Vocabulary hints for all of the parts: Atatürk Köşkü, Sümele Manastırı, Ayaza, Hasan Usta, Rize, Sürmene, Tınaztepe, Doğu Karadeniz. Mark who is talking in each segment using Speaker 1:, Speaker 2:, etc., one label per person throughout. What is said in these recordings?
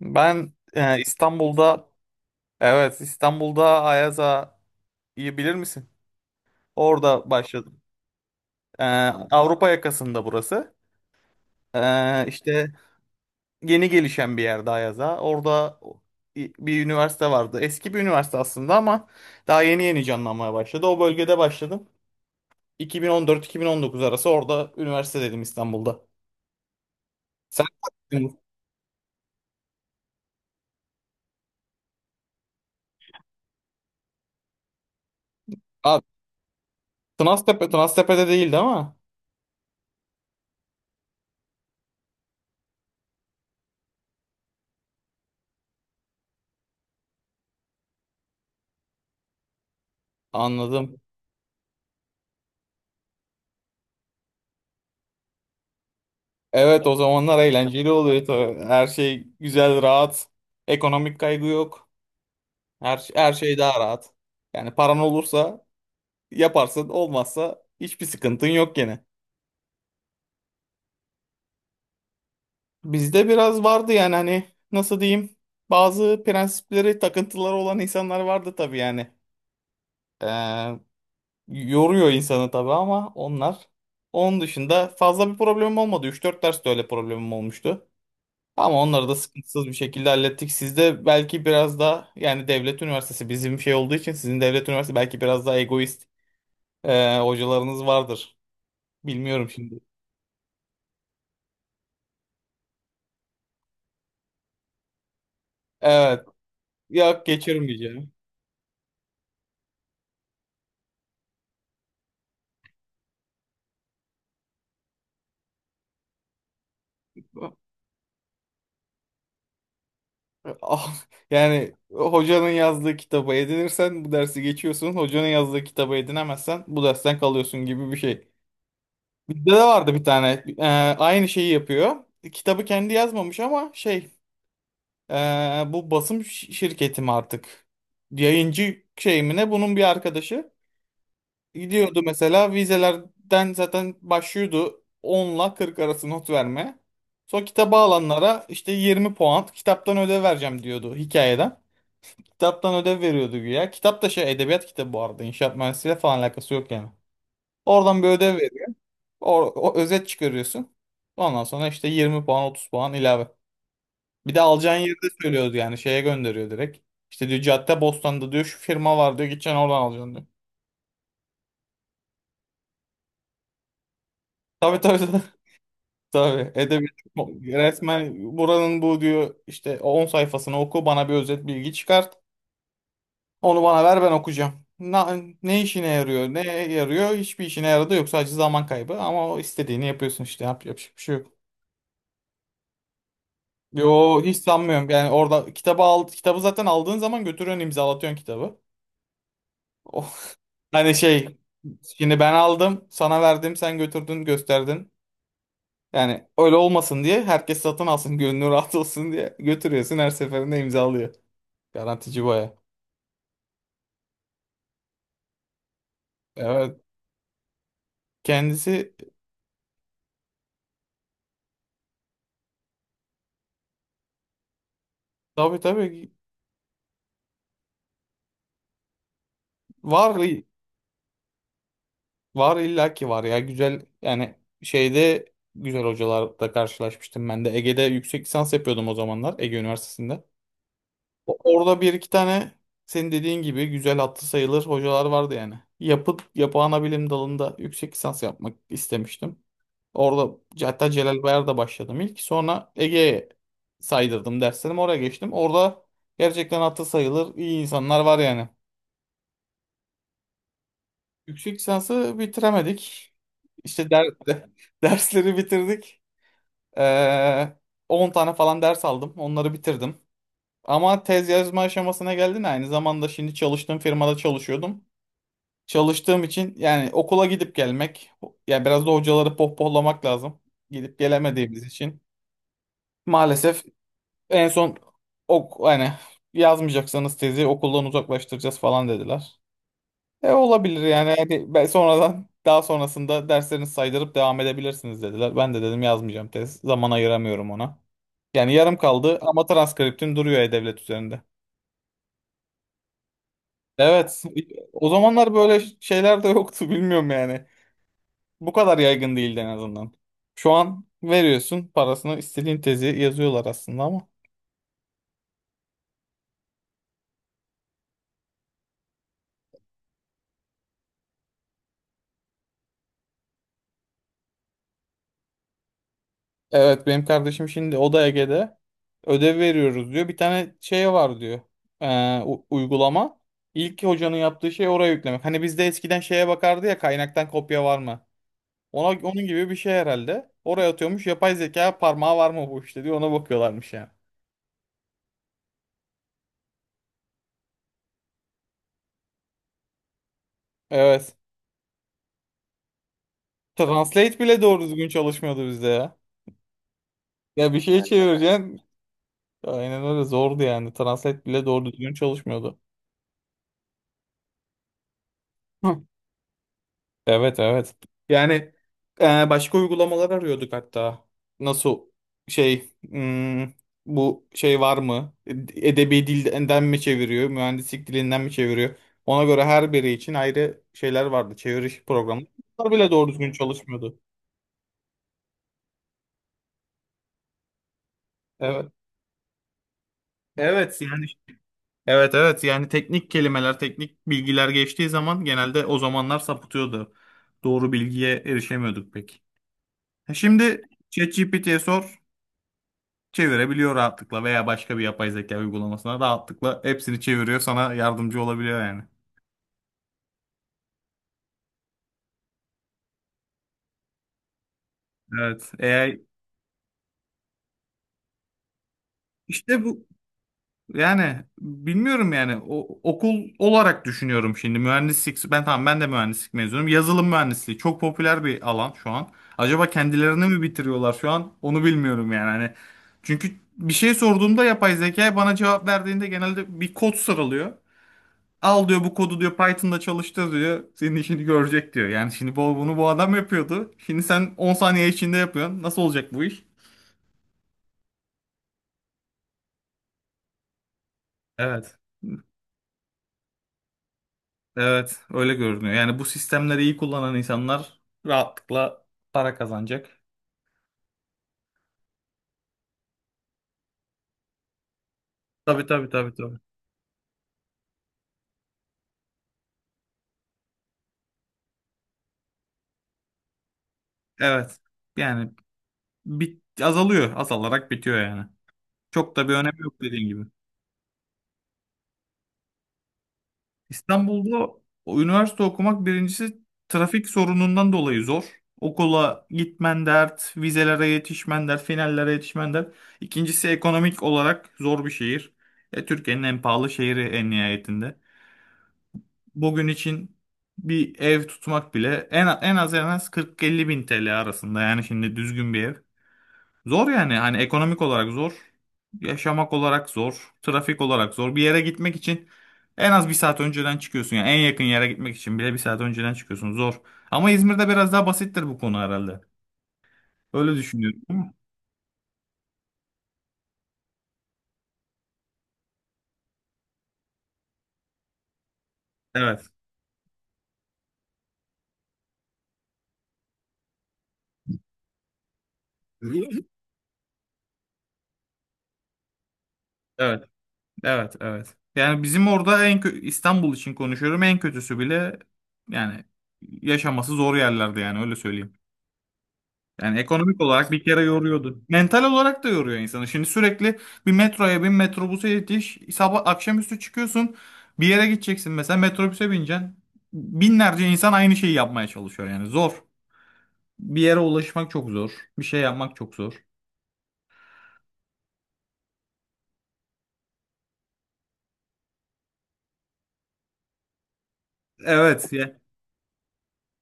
Speaker 1: Ben İstanbul'da. Evet, İstanbul'da Ayaza, iyi bilir misin? Orada başladım. E, Avrupa yakasında burası. E, işte yeni gelişen bir yerde Ayaza. Orada bir üniversite vardı. Eski bir üniversite aslında ama daha yeni yeni canlanmaya başladı. O bölgede başladım. 2014-2019 arası orada üniversite dedim İstanbul'da. Sen. Abi, Tınaztepe'de değil mi? Anladım. Evet, o zamanlar eğlenceli oluyor tabii. Her şey güzel, rahat. Ekonomik kaygı yok. Her şey daha rahat. Yani paran olursa yaparsın, olmazsa hiçbir sıkıntın yok gene. Bizde biraz vardı yani, hani, nasıl diyeyim, bazı prensipleri, takıntıları olan insanlar vardı tabii yani. Ee, yoruyor insanı tabii ama onlar. Onun dışında fazla bir problemim olmadı. Üç dört ders de öyle problemim olmuştu. Ama onları da sıkıntısız bir şekilde hallettik. Sizde belki biraz daha yani devlet üniversitesi bizim şey olduğu için sizin devlet üniversitesi belki biraz daha egoist, hocalarınız vardır. Bilmiyorum şimdi. Evet. Ya, geçiyorum diyeceğim. Ah, yani hocanın yazdığı kitabı edinirsen bu dersi geçiyorsun. Hocanın yazdığı kitabı edinemezsen bu dersten kalıyorsun gibi bir şey. Bizde de vardı bir tane. Aynı şeyi yapıyor. Kitabı kendi yazmamış ama şey. Bu basım şirketi mi artık? Yayıncı şey mi ne? Bunun bir arkadaşı gidiyordu mesela, vizelerden zaten başlıyordu 10'la 40 arası not verme. Sonra kitaba alanlara işte 20 puan kitaptan ödev vereceğim diyordu hikayeden. Kitaptan ödev veriyordu güya. Kitap da şey edebiyat kitabı bu arada. İnşaat mühendisliğiyle falan alakası yok yani. Oradan bir ödev veriyor. O özet çıkarıyorsun. Ondan sonra işte 20 puan 30 puan ilave. Bir de alacağın yeri de söylüyordu yani, şeye gönderiyor direkt. İşte diyor Cadde Bostan'da diyor şu firma var diyor gideceksin oradan alacaksın diyor. Tabii tabii tabii. Tabii edebiyat resmen buranın bu diyor işte 10 sayfasını oku bana bir özet bilgi çıkart. Onu bana ver ben okuyacağım. Na- ne işine yarıyor ne yarıyor hiçbir işine yaradı yok sadece zaman kaybı ama o istediğini yapıyorsun işte, yapacak bir şey yok. Yo, hiç sanmıyorum yani orada kitabı al kitabı zaten aldığın zaman götürüyorsun imzalatıyorsun kitabı. Of. Hani şey, şimdi ben aldım sana verdim sen götürdün gösterdin. Yani öyle olmasın diye herkes satın alsın gönlü rahat olsun diye götürüyorsun her seferinde imzalıyor. Garantici baya. Evet, kendisi tabii tabii var, var illaki var ya güzel yani, şeyde güzel hocalarla karşılaşmıştım ben de Ege'de yüksek lisans yapıyordum o zamanlar Ege Üniversitesi'nde. Orada bir iki tane senin dediğin gibi güzel attı sayılır hocalar vardı yani. Yapı ana bilim dalında yüksek lisans yapmak istemiştim. Orada hatta Celal Bayar'da başladım ilk. Sonra Ege'ye saydırdım derslerim oraya geçtim. Orada gerçekten attı sayılır iyi insanlar var yani. Yüksek lisansı bitiremedik. İşte dersleri bitirdik. Ee, 10 tane falan ders aldım. Onları bitirdim. Ama tez yazma aşamasına geldin aynı zamanda şimdi çalıştığım firmada çalışıyordum. Çalıştığım için yani okula gidip gelmek, yani biraz da hocaları pohpohlamak lazım. Gidip gelemediğimiz için. Maalesef en son ok yani yazmayacaksanız tezi okuldan uzaklaştıracağız falan dediler. Olabilir yani. Yani ben sonradan daha sonrasında derslerinizi saydırıp devam edebilirsiniz dediler. Ben de dedim yazmayacağım tez. Zaman ayıramıyorum ona. Yani yarım kaldı ama transkriptim duruyor e-devlet üzerinde. Evet. O zamanlar böyle şeyler de yoktu bilmiyorum yani. Bu kadar yaygın değildi en azından. Şu an veriyorsun parasını istediğin tezi yazıyorlar aslında ama. Evet, benim kardeşim şimdi o da Ege'de ödev veriyoruz diyor. Bir tane şey var diyor. Uygulama. İlk hocanın yaptığı şey oraya yüklemek. Hani bizde eskiden şeye bakardı ya kaynaktan kopya var mı? Ona onun gibi bir şey herhalde. Oraya atıyormuş yapay zeka parmağı var mı bu işte diyor ona bakıyorlarmış yani. Evet. Translate bile doğru düzgün çalışmıyordu bizde ya. Ya bir şey çevireceksin. Aynen öyle zordu yani. Translate bile doğru düzgün çalışmıyordu. Hı. Evet, evet. Yani başka uygulamalar arıyorduk hatta. Nasıl şey, bu şey var mı? Edebi dilden mi çeviriyor? Mühendislik dilinden mi çeviriyor? Ona göre her biri için ayrı şeyler vardı. Çeviriş programı. Bunlar bile doğru düzgün çalışmıyordu. Evet. Evet yani. Evet, evet, yani teknik kelimeler, teknik bilgiler geçtiği zaman genelde o zamanlar sapıtıyordu. Doğru bilgiye erişemiyorduk pek. Şimdi ChatGPT'ye sor, çevirebiliyor rahatlıkla veya başka bir yapay zeka uygulamasına rahatlıkla hepsini çeviriyor, sana yardımcı olabiliyor yani. Evet, AI işte bu. Yani bilmiyorum yani o, okul olarak düşünüyorum şimdi mühendislik, ben tamam ben de mühendislik mezunuyum, yazılım mühendisliği çok popüler bir alan şu an, acaba kendilerini mi bitiriyorlar şu an onu bilmiyorum yani hani, çünkü bir şey sorduğumda yapay zeka bana cevap verdiğinde genelde bir kod sıralıyor, al diyor bu kodu diyor Python'da çalıştır diyor senin işini görecek diyor yani şimdi bunu bu adam yapıyordu şimdi sen 10 saniye içinde yapıyorsun, nasıl olacak bu iş? Evet. Evet, öyle görünüyor. Yani bu sistemleri iyi kullanan insanlar rahatlıkla para kazanacak. Tabii tabii tabii tabii. Evet. Yani bit azalıyor, azalarak bitiyor yani. Çok da bir önemi yok dediğin gibi. İstanbul'da o üniversite okumak birincisi trafik sorunundan dolayı zor. Okula gitmen dert, vizelere yetişmen dert, finallere yetişmen dert. İkincisi ekonomik olarak zor bir şehir. Türkiye'nin en pahalı şehri en nihayetinde. Bugün için bir ev tutmak bile en az 40-50 bin TL arasında yani şimdi düzgün bir ev. Zor yani hani ekonomik olarak zor, yaşamak olarak zor, trafik olarak zor. Bir yere gitmek için en az bir saat önceden çıkıyorsun yani en yakın yere gitmek için bile bir saat önceden çıkıyorsun zor. Ama İzmir'de biraz daha basittir bu konu herhalde. Öyle düşünüyorum. Değil mi? Evet. Evet. Evet, evet. Yani bizim orada İstanbul için konuşuyorum en kötüsü bile yani yaşaması zor yerlerde yani öyle söyleyeyim. Yani ekonomik olarak bir kere yoruyordu. Mental olarak da yoruyor insanı. Şimdi sürekli bir metroya bin metrobüse yetiş. Sabah akşamüstü çıkıyorsun. Bir yere gideceksin mesela metrobüse bineceksin. Binlerce insan aynı şeyi yapmaya çalışıyor yani zor. Bir yere ulaşmak çok zor. Bir şey yapmak çok zor. Evet.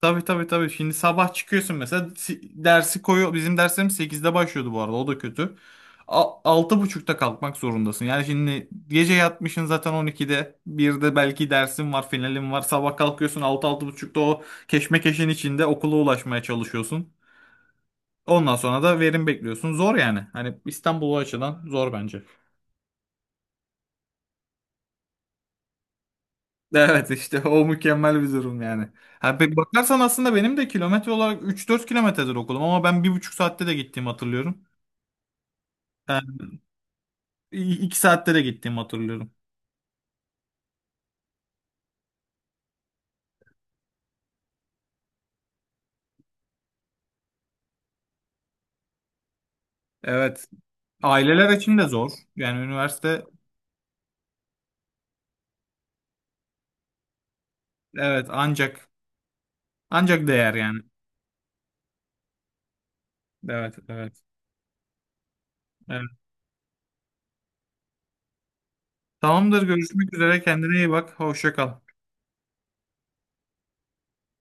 Speaker 1: Tabii tabii tabii. Şimdi sabah çıkıyorsun mesela dersi koyuyor. Bizim derslerimiz 8'de başlıyordu bu arada. O da kötü. Altı buçukta kalkmak zorundasın. Yani şimdi gece yatmışsın zaten 12'de. Bir de belki dersin var, finalin var. Sabah kalkıyorsun altı altı buçukta o keşmekeşin içinde okula ulaşmaya çalışıyorsun. Ondan sonra da verim bekliyorsun. Zor yani. Hani İstanbul o açıdan zor bence. Evet işte o mükemmel bir durum yani. Ha, bakarsan aslında benim de kilometre olarak 3-4 kilometredir okulum ama ben bir buçuk saatte de gittiğimi hatırlıyorum. Ben iki saatlere gittiğimi hatırlıyorum. Evet. Aileler için de zor. Yani üniversite, evet, ancak ancak değer yani. Evet, evet. Evet. Tamamdır. Görüşmek üzere. Kendine iyi bak. Hoşça kal.